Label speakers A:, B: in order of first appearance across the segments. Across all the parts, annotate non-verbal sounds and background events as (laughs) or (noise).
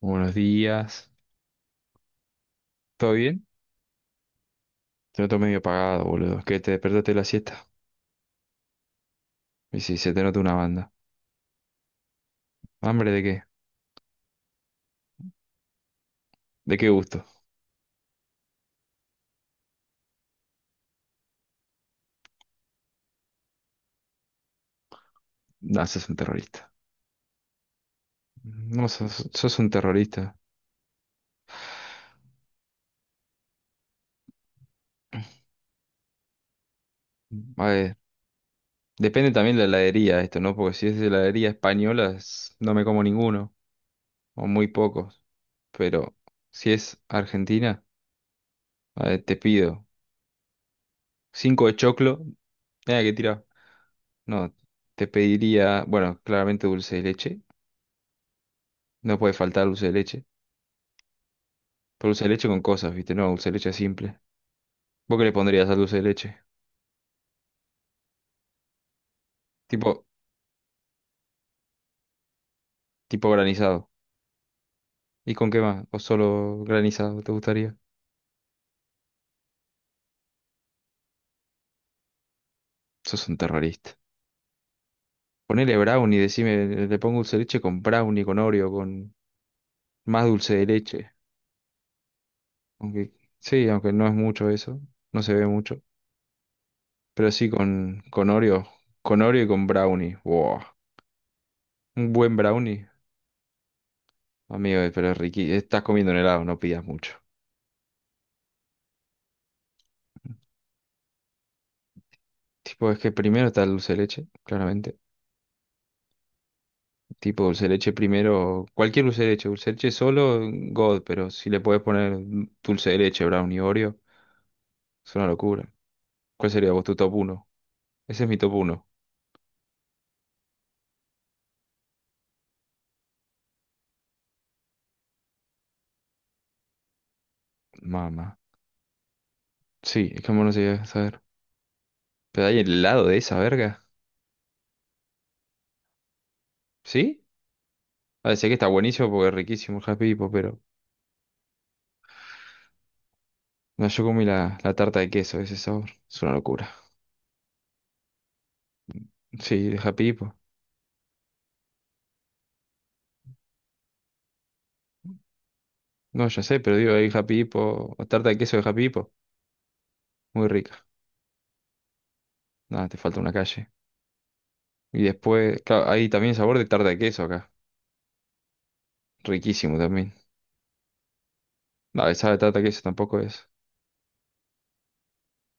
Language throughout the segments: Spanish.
A: Buenos días. ¿Todo bien? Te noto medio apagado, boludo. Que te despertaste de la siesta. Y si se te nota una banda. ¿Hambre de qué? ¿De qué gusto? No, sos un terrorista. No, sos un terrorista. A ver, depende también de la heladería esto, ¿no? Porque si es de heladería española, no me como ninguno. O muy pocos. Pero si es Argentina, a ver, te pido cinco de choclo. Mira que tira. No, te pediría, bueno, claramente dulce de leche. No puede faltar dulce de leche. Pero dulce de leche con cosas, ¿viste? No, dulce de leche simple. ¿Vos qué le pondrías al dulce de leche? Tipo, tipo granizado. ¿Y con qué más? ¿O solo granizado te gustaría? Sos un terrorista. Ponele brownie, decime, le pongo dulce de leche con brownie, con Oreo, con más dulce de leche. Aunque, sí, aunque no es mucho eso, no se ve mucho. Pero sí con Oreo y con brownie. Wow. Un buen brownie. Amigo, pero es riqui. Estás comiendo un helado, no pidas mucho. Tipo, es que primero está el dulce de leche, claramente. Tipo dulce de leche primero, cualquier dulce de leche solo, God, pero si le puedes poner dulce de leche, brownie, Oreo, es una locura. ¿Cuál sería vos tu top uno? Ese es mi top uno. Mamá. Sí, es que no se llega a saber. Pero hay helado de esa verga. ¿Sí? A ver, sé que está buenísimo porque es riquísimo el Happy Hippo, pero. No, yo comí la tarta de queso, ese sabor. Es una locura. Sí, de Happy Hippo. No, ya sé, pero digo, hay Happy Hippo o tarta de queso de Happy Hippo. Muy rica. Nada, te falta una calle. Y después, claro, hay también sabor de tarta de queso acá. Riquísimo también. La besada de tarta de queso tampoco es.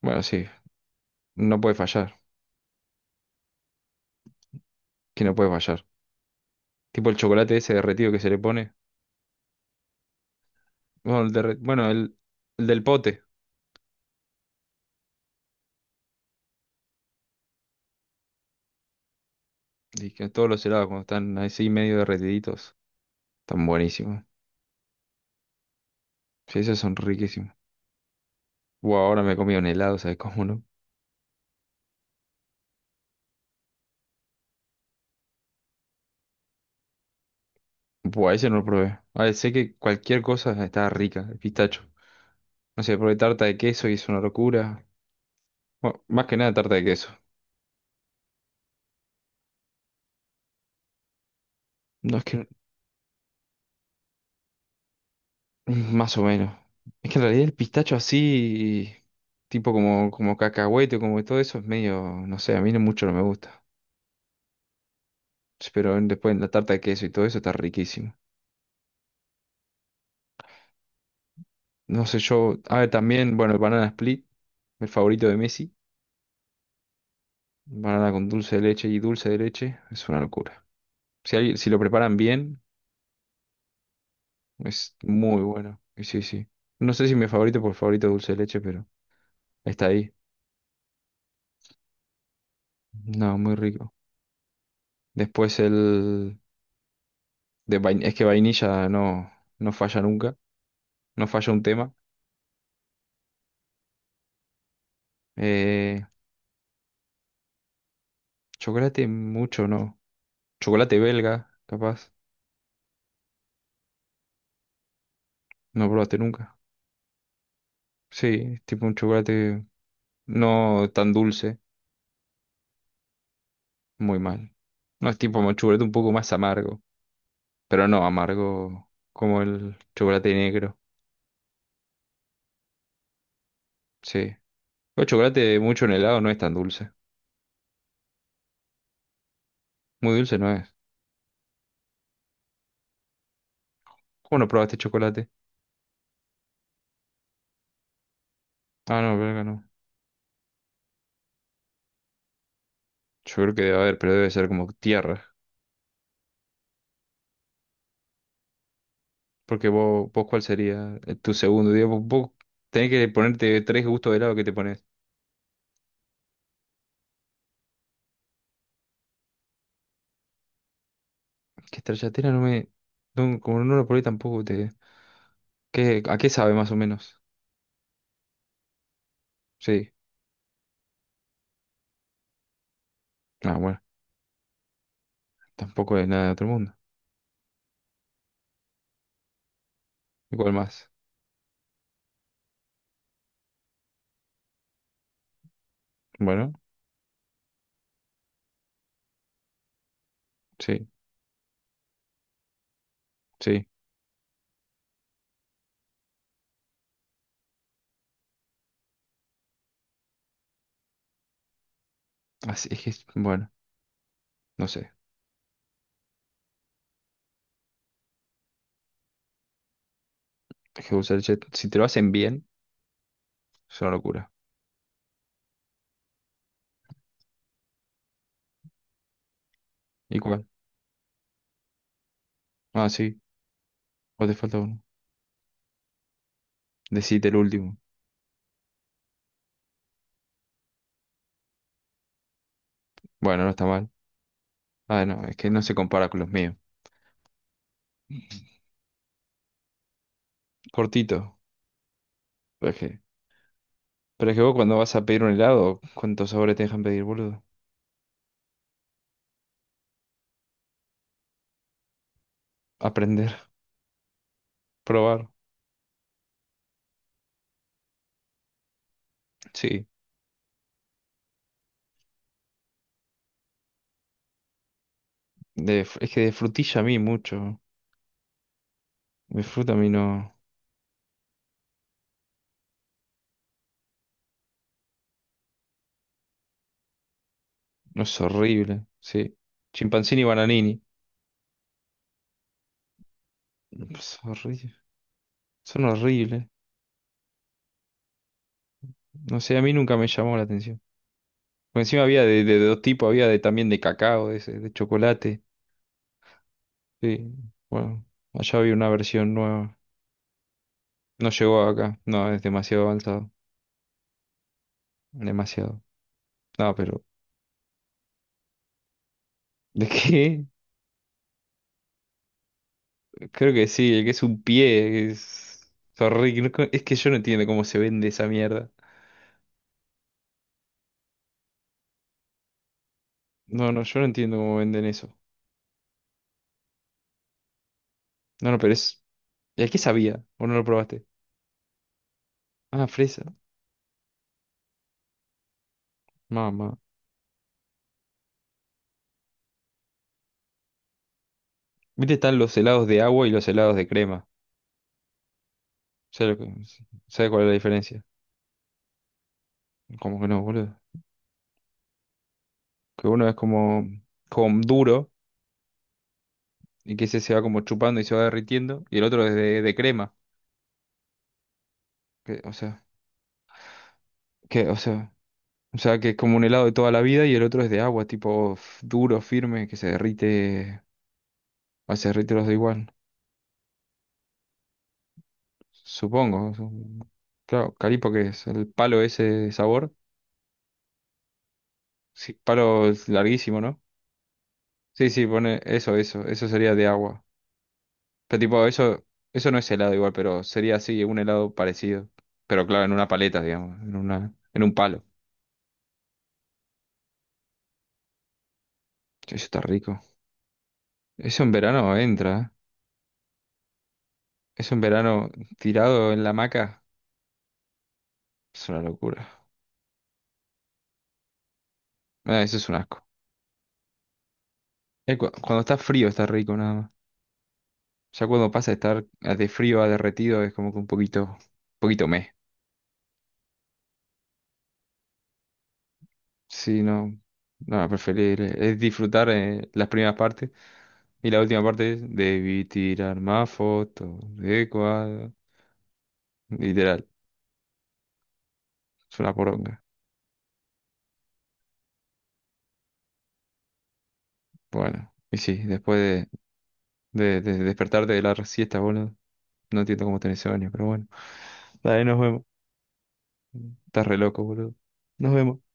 A: Bueno, sí, no puede fallar. Que no puede fallar. Tipo el chocolate ese derretido que se le pone. Bueno, el, derre- bueno, el del pote. Y que todos los helados cuando están así medio derretiditos. Están buenísimos. Sí, esos son riquísimos. Buah, ahora me he comido un helado, ¿sabes cómo no? Buah, ese no lo probé. A ver, sé que cualquier cosa está rica. El pistacho. No sé, probé tarta de queso y es una locura. Bueno, más que nada tarta de queso. No es que más o menos. Es que en realidad el pistacho así, tipo como, como cacahuete, como todo eso, es medio, no sé, a mí no mucho no me gusta. Pero después en la tarta de queso y todo eso está riquísimo. No sé, yo, a ver, también, bueno, el banana split, el favorito de Messi. Banana con dulce de leche y dulce de leche, es una locura. Si, si lo preparan bien, es muy bueno. Y sí, sí. No sé si mi favorito por favorito es dulce de leche, pero está ahí. No, muy rico. Después el... es que vainilla no, no falla nunca, no falla un tema. Eh, chocolate mucho, no. Chocolate belga, capaz, no probaste nunca. Sí, es tipo un chocolate no tan dulce, muy mal. No es tipo un chocolate un poco más amargo, pero no amargo como el chocolate negro. Sí. El chocolate mucho en helado no es tan dulce. Muy dulce no es. ¿Cómo no probaste chocolate? Ah, no, belga no. Yo creo que debe haber, pero debe ser como tierra. Porque vos ¿cuál sería tu segundo? Digo, vos tenés que ponerte tres gustos de helado que te pones. Que stracciatella no me... no, como no lo probé tampoco te... ¿Qué, a qué sabe más o menos? Sí. Ah, bueno. Tampoco es nada de otro mundo. ¿Igual más? Bueno, sí, sí. Así es que, bueno, no sé. Es que usar el chat- Si te lo hacen bien, es una locura. Igual. Ah, sí. Vos te falta uno. Decite el último. Bueno, no está mal. Ah, no, es que no se compara con los míos. Cortito. Pero es que vos cuando vas a pedir un helado, ¿cuántos sabores te dejan pedir, boludo? Aprender, (laughs) probar. Sí. Es que de frutilla a mí mucho. De fruta a mí no, no es horrible. Sí. Chimpancini y bananini. No, es horrible. Son horribles. No sé, a mí nunca me llamó la atención. Porque encima había de dos tipos, había de, también de cacao, de, ese, de chocolate. Sí. Bueno, allá había una versión nueva. No llegó acá. No, es demasiado avanzado. Demasiado. No, pero (laughs) ¿de qué? Creo que sí, el que es un pie es horrible. No- Es que yo no entiendo cómo se vende esa mierda. No, no, yo no entiendo cómo venden eso. No, no, pero es... ¿El qué sabía? ¿O no lo probaste? Ah, fresa. Mamá. Viste, están los helados de agua y los helados de crema. ¿Sabes, lo que- ¿sabes cuál es la diferencia? Como que no, boludo. Que uno es como, como duro y que ese se va como chupando y se va derritiendo. Y el otro es de crema. Que, o sea, que, o sea... O sea, que es como un helado de toda la vida y el otro es de agua, tipo duro, firme, que se derrite, o se derrite los da igual. Supongo. Claro, calipo que es el palo ese de sabor. Sí, palo es larguísimo, ¿no? Sí, sí, pone eso, eso, eso sería de agua. Pero tipo, eso no es helado igual, pero sería así, un helado parecido. Pero claro, en una paleta, digamos, en un palo. Che, eso está rico. Eso en verano entra, ¿eh? Eso en verano tirado en la hamaca, es una locura. Ah, eso es un asco. Cuando está frío está rico nada más. Ya cuando pasa de estar de frío a derretido es como que un poquito meh. Sí, no, no, preferible. Es disfrutar las primeras partes y la última parte es debí tirar más fotos de cuadro. Literal, es una poronga. Bueno, y sí, después de despertarte de la siesta, boludo. No entiendo cómo tenés sueño, pero bueno. Dale, nos vemos. Estás re loco, boludo. Nos vemos.